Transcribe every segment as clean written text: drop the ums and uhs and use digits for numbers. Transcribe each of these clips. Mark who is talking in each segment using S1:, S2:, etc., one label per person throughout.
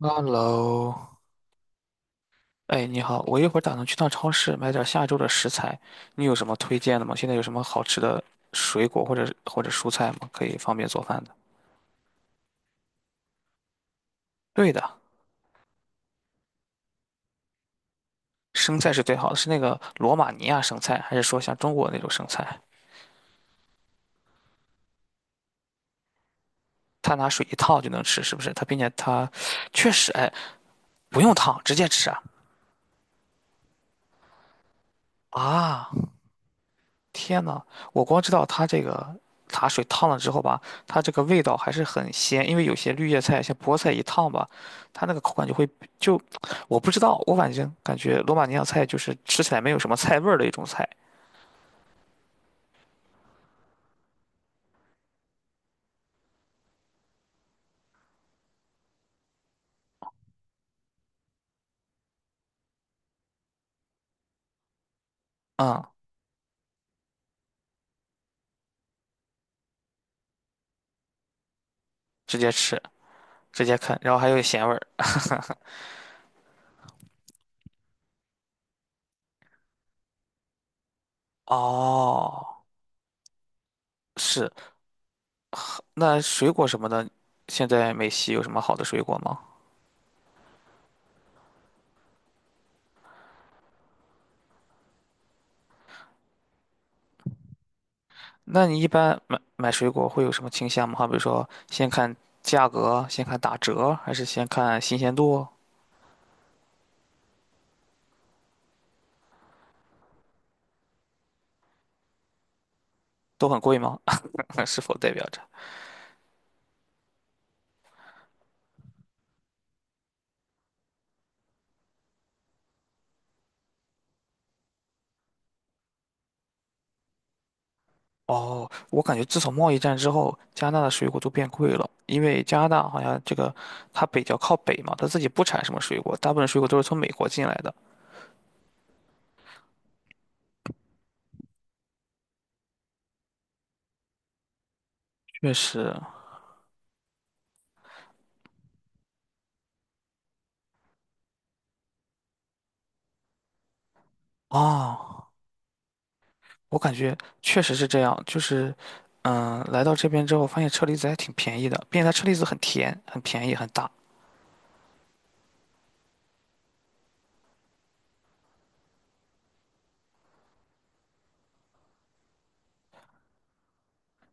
S1: Hello，哎，你好，我一会儿打算去趟超市买点儿下周的食材，你有什么推荐的吗？现在有什么好吃的水果或者蔬菜吗？可以方便做饭的。对的，生菜是最好的，是那个罗马尼亚生菜，还是说像中国那种生菜？它拿水一烫就能吃，是不是？它并且它确实，哎，不用烫，直接吃啊。啊，天呐，我光知道它这个茶水烫了之后吧，它这个味道还是很鲜，因为有些绿叶菜，像菠菜一烫吧，它那个口感就会就，我不知道，我反正感觉罗马尼亚菜就是吃起来没有什么菜味儿的一种菜，嗯，直接吃，直接啃，然后还有咸味儿。哦，是，那水果什么的，现在美西有什么好的水果吗？那你一般买水果会有什么倾向吗？好比如说，先看价格，先看打折，还是先看新鲜度？都很贵吗？是否代表着？哦，我感觉自从贸易战之后，加拿大的水果都变贵了，因为加拿大好像这个它比较靠北嘛，它自己不产什么水果，大部分水果都是从美国进来的。确实，啊，我感觉确实是这样，就是，嗯，来到这边之后，发现车厘子还挺便宜的，并且它车厘子很甜、很便宜、很大。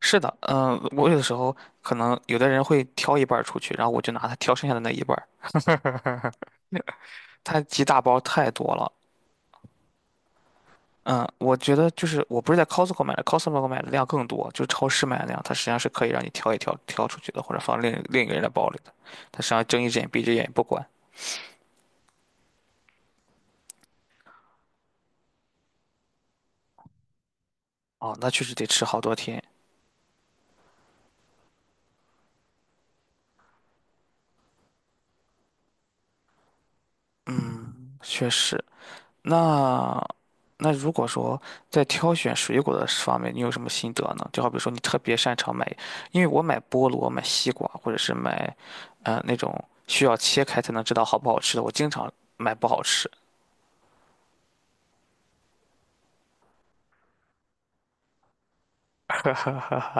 S1: 是的，嗯，我有的时候可能有的人会挑一半儿出去，然后我就拿它挑剩下的那一半儿，它几大包太多了，嗯，我觉得就是我不是在 Costco 买的，Costco 买的量更多，就是超市买的量，它实际上是可以让你挑一挑挑出去的，或者放另一个人的包里的，它实际上睁一只眼闭一只眼也不管。哦，那确实得吃好多天，确实。那那如果说在挑选水果的方面，你有什么心得呢？就好比说你特别擅长买，因为我买菠萝、买西瓜，或者是买，那种需要切开才能知道好不好吃的，我经常买不好吃。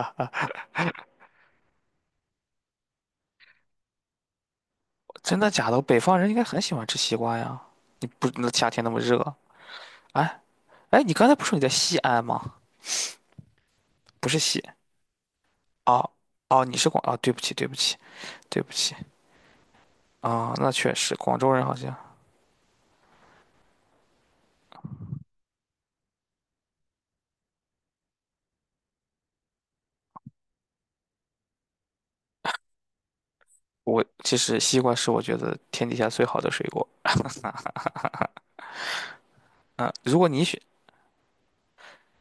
S1: 真的假的？北方人应该很喜欢吃西瓜呀。你不，那夏天那么热，哎哎，你刚才不是说你在西安吗？不是西，哦哦，你是广，哦，对不起对不起对不起啊，那确实，广州人好像我其实西瓜是我觉得天底下最好的水果嗯，如果你选，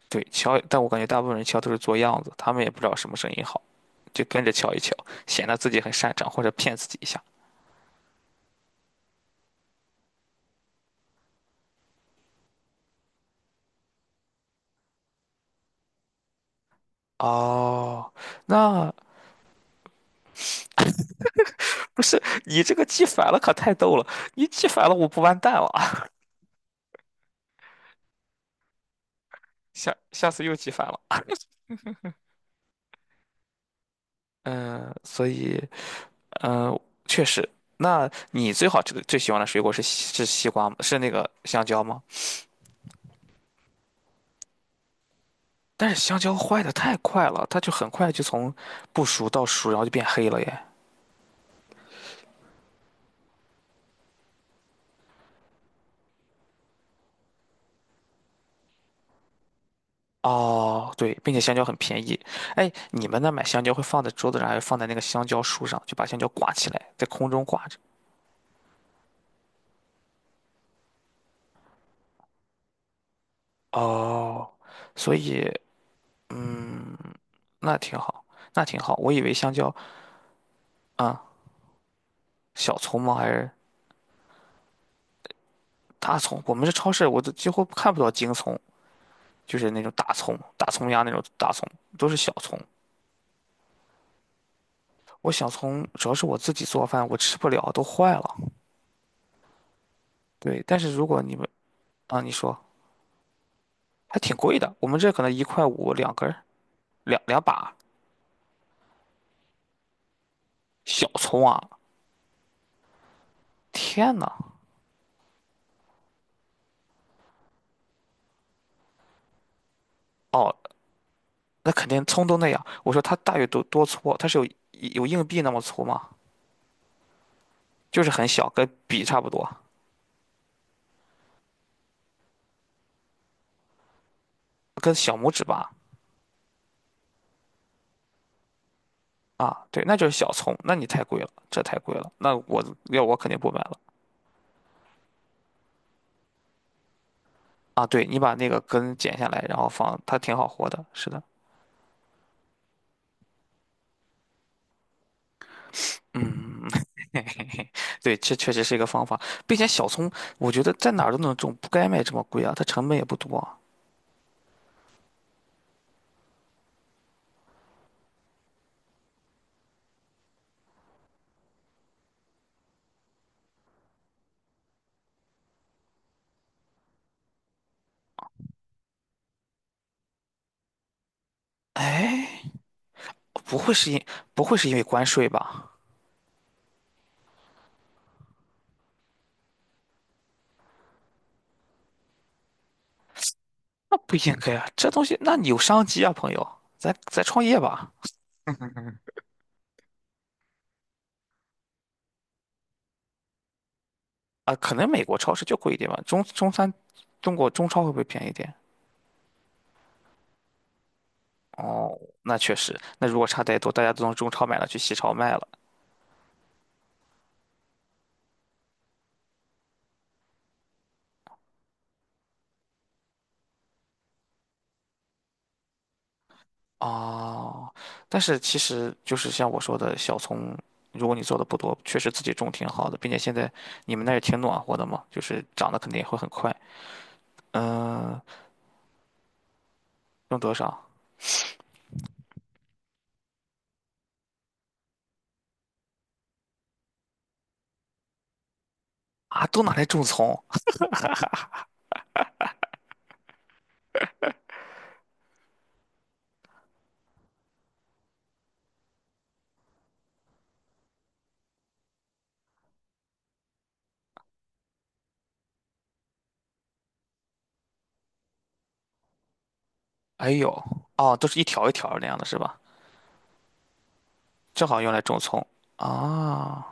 S1: 对，敲，但我感觉大部分人敲都是做样子，他们也不知道什么声音好，就跟着敲一敲，显得自己很擅长或者骗自己一下。哦，那不是你这个记反了可太逗了，你记反了我不完蛋了啊，下次又记反了啊。嗯、所以，嗯、确实，那你最好吃的最喜欢的水果是西瓜吗？是那个香蕉吗？但是香蕉坏的太快了，它就很快就从不熟到熟，然后就变黑了耶。哦，对，并且香蕉很便宜。哎，你们那买香蕉会放在桌子上，还是放在那个香蕉树上，就把香蕉挂起来，在空中挂着？哦，所以，嗯。那挺好，那挺好。我以为香蕉啊，小葱吗？还是大葱？我们这超市我都几乎看不到京葱，就是那种大葱、大葱丫那种大葱，都是小葱。我小葱主要是我自己做饭，我吃不了，都坏了。对，但是如果你们啊，你说还挺贵的，我们这可能一块五两根儿，两把小葱啊！天呐，哦，那肯定葱都那样。我说它大约多粗啊？它是有硬币那么粗吗？就是很小，跟笔差不多，跟小拇指吧。啊，对，那就是小葱，那你太贵了，这太贵了，那我要我肯定不买了。啊，对，你把那个根剪下来，然后放，它挺好活的。是的，对，这确实是一个方法，并且小葱，我觉得在哪儿都能种，不该卖这么贵啊，它成本也不多啊。哎，不会是因不会是因为关税吧？那不应该啊，这东西那你有商机啊，朋友，咱创业吧。啊，可能美国超市就贵一点吧，中餐，中国中超会不会便宜一点？哦，那确实，那如果差太多，大家都从中超买了，去西超卖了。哦，但是其实就是像我说的，小葱，如果你做的不多，确实自己种挺好的，并且现在你们那儿也挺暖和的嘛，就是长得肯定也会很快。嗯，用多少啊？都拿来种葱？哎呦，哦，都是一条一条那样的是吧？正好用来种葱啊。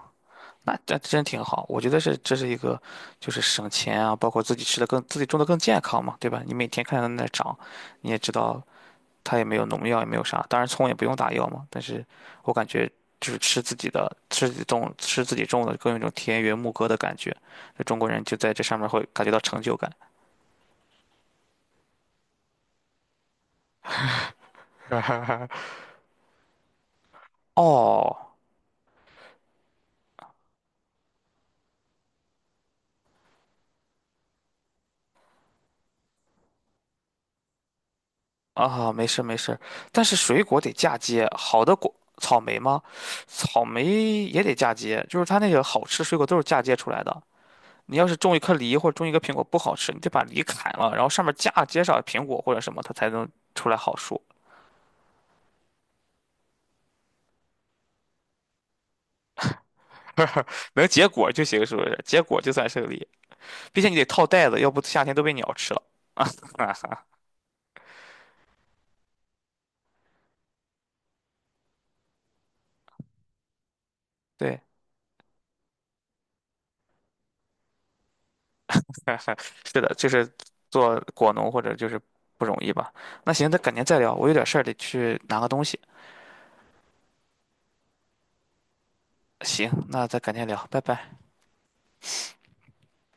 S1: 那这真挺好，我觉得是这是一个，就是省钱啊，包括自己吃的更自己种的更健康嘛，对吧？你每天看它在那长，你也知道它也没有农药，也没有啥，当然葱也不用打药嘛。但是我感觉就是吃自己的，吃自己种，吃自己种的，更有一种田园牧歌的感觉。就中国人就在这上面会感觉到成就感。哦，啊，没事没事，但是水果得嫁接，好的果，草莓吗？草莓也得嫁接，就是它那个好吃水果都是嫁接出来的。你要是种一颗梨或者种一个苹果不好吃，你得把梨砍了，然后上面架接上苹果或者什么，它才能出来好树，能结果就行，是不是？结果就算是个梨，并且你得套袋子，要不夏天都被鸟吃了。哈哈，对，是的，就是做果农或者就是不容易吧。那行，那改天再聊，我有点事儿得去拿个东西。行，那再改天聊，拜拜。